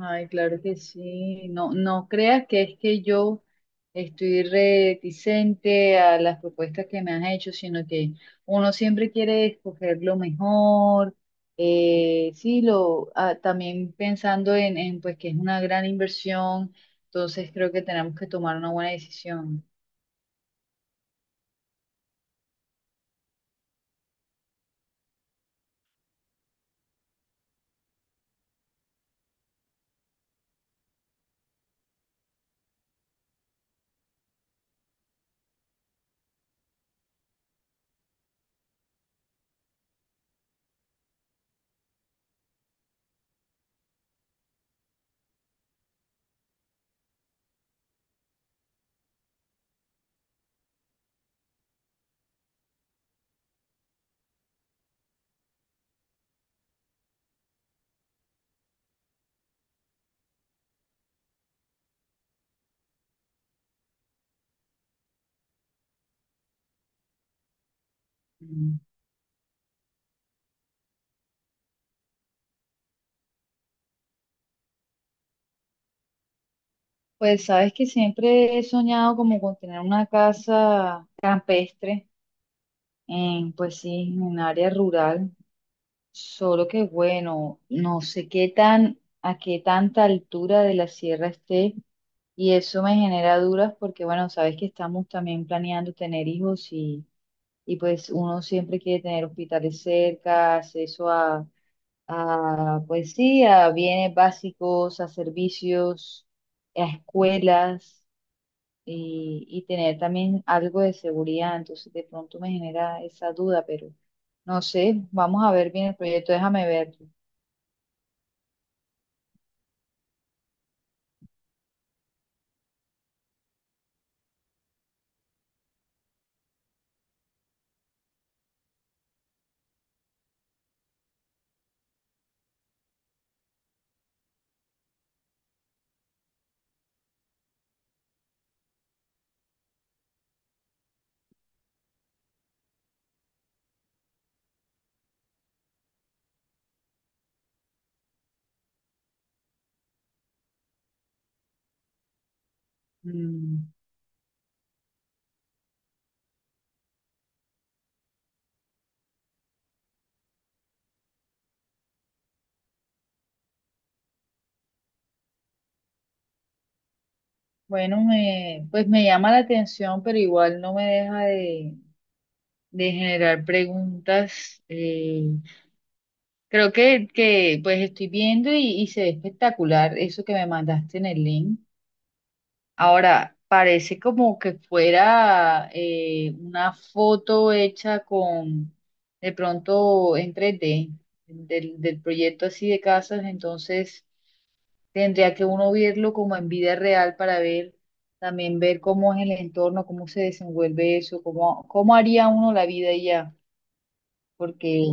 Ay, claro que sí. No, no creas que es que yo estoy reticente a las propuestas que me has hecho, sino que uno siempre quiere escoger lo mejor. Sí, lo, también pensando en pues que es una gran inversión, entonces creo que tenemos que tomar una buena decisión. Mm. Pues sabes que siempre he soñado como con tener una casa campestre, en, pues sí, en un área rural. Solo que bueno, no sé qué tan, a qué tanta altura de la sierra esté y eso me genera dudas porque bueno, sabes que estamos también planeando tener hijos y pues uno siempre quiere tener hospitales cerca, acceso a pues sí, a bienes básicos, a servicios, a escuelas y tener también algo de seguridad. Entonces de pronto me genera esa duda, pero no sé, vamos a ver bien el proyecto, déjame ver. Mm. Bueno, me, pues me llama la atención, pero igual no me deja de generar preguntas. Creo que pues estoy viendo y se ve espectacular eso que me mandaste en el link. Ahora, parece como que fuera una foto hecha con, de pronto en 3D, del, del proyecto así de casas, entonces... Tendría que uno verlo como en vida real para ver, también ver cómo es el entorno, cómo se desenvuelve eso, cómo, cómo haría uno la vida y ya, porque...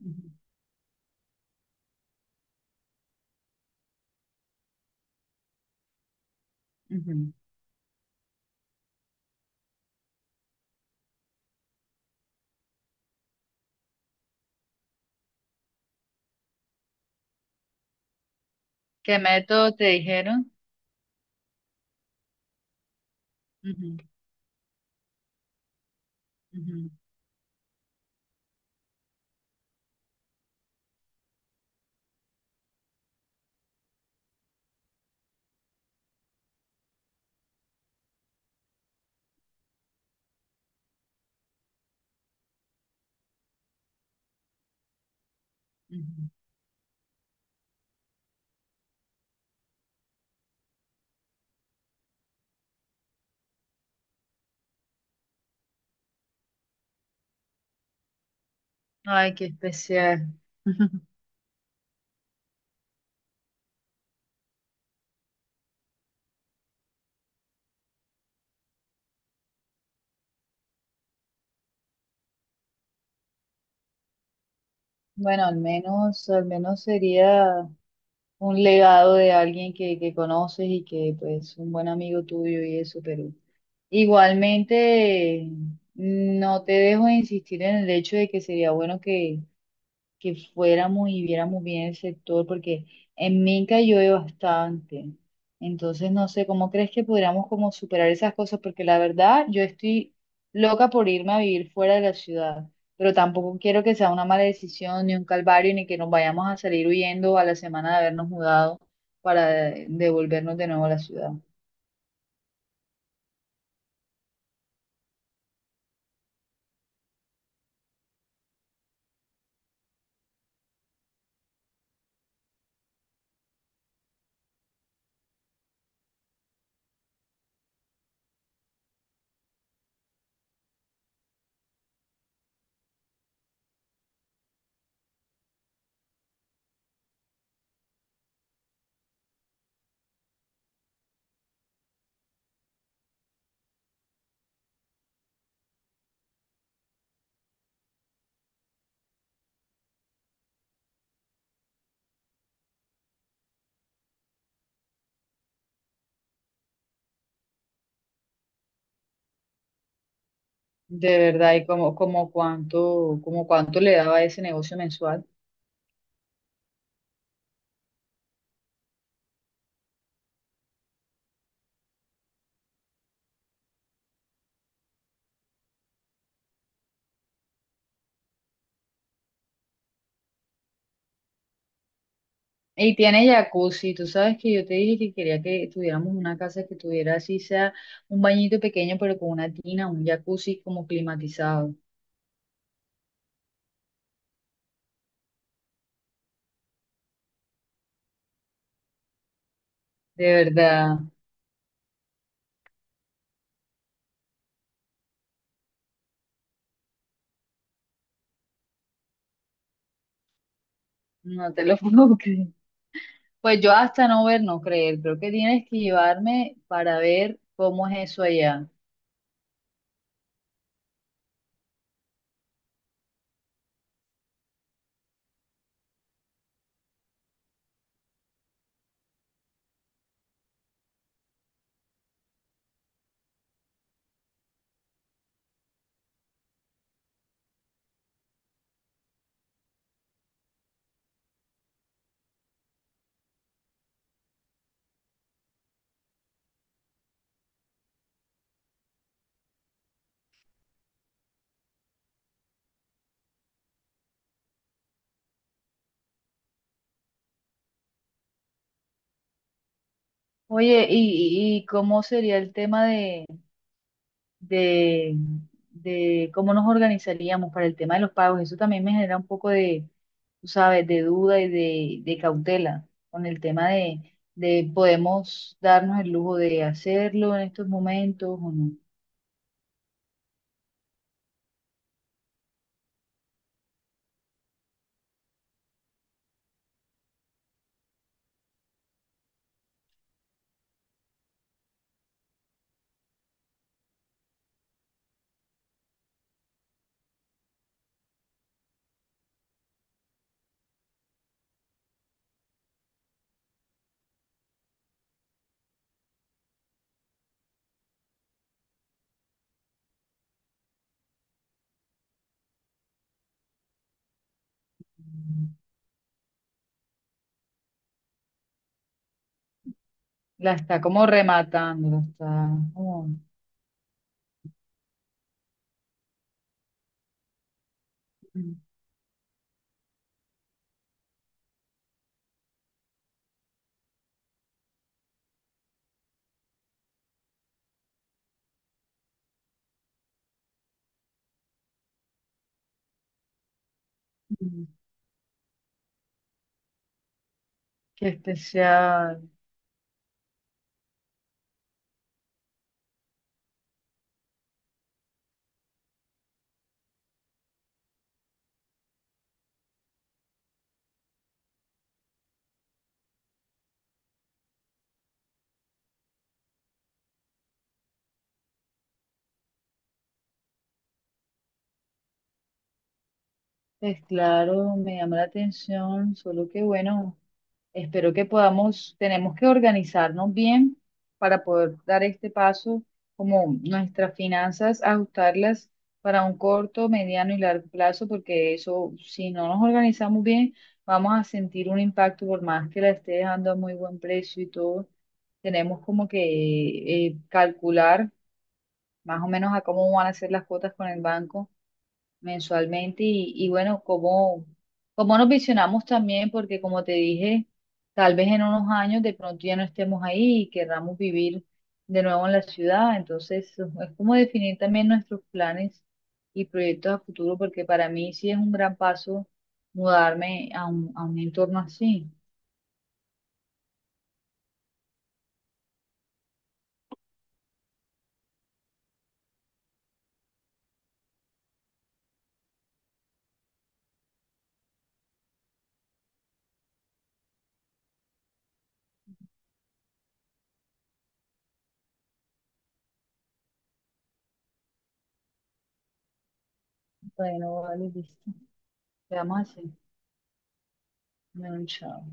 Ujú, ujú. ¿Qué método te dijeron? Ujú, ujú, ujú. Ay, qué especial. Bueno, al menos sería un legado de alguien que conoces y que pues un buen amigo tuyo y eso, pero igualmente, no te dejo de insistir en el hecho de que sería bueno que fuéramos y viéramos bien el sector, porque en Minca llueve bastante. Entonces, no sé, ¿cómo crees que podríamos como superar esas cosas? Porque la verdad, yo estoy loca por irme a vivir fuera de la ciudad, pero tampoco quiero que sea una mala decisión, ni un calvario, ni que nos vayamos a salir huyendo a la semana de habernos mudado para devolvernos de nuevo a la ciudad. De verdad, y como, como cuánto le daba ese negocio mensual. Y tiene jacuzzi, tú sabes que yo te dije que quería que tuviéramos una casa que tuviera así sea un bañito pequeño, pero con una tina, un jacuzzi como climatizado. De verdad, no te lo puedo creer. Pues yo hasta no ver, no creer, creo que tienes que llevarme para ver cómo es eso allá. Oye, ¿y cómo sería el tema de, de cómo nos organizaríamos para el tema de los pagos. Eso también me genera un poco de, tú sabes, de duda y de cautela con el tema de podemos darnos el lujo de hacerlo en estos momentos o no. La está como rematando, la está como, mm, mm, qué especial. Pues claro, me llama la atención, solo que bueno, espero que podamos, tenemos que organizarnos bien para poder dar este paso, como nuestras finanzas, ajustarlas para un corto, mediano y largo plazo, porque eso, si no nos organizamos bien, vamos a sentir un impacto por más que la esté dejando a muy buen precio y todo. Tenemos como que calcular más o menos a cómo van a ser las cuotas con el banco mensualmente y bueno, cómo, cómo nos visionamos también, porque como te dije, tal vez en unos años de pronto ya no estemos ahí y querramos vivir de nuevo en la ciudad, entonces es como definir también nuestros planes y proyectos a futuro, porque para mí sí es un gran paso mudarme a un entorno así. Bueno, vale, listo. Quedamos así. Bueno, chao.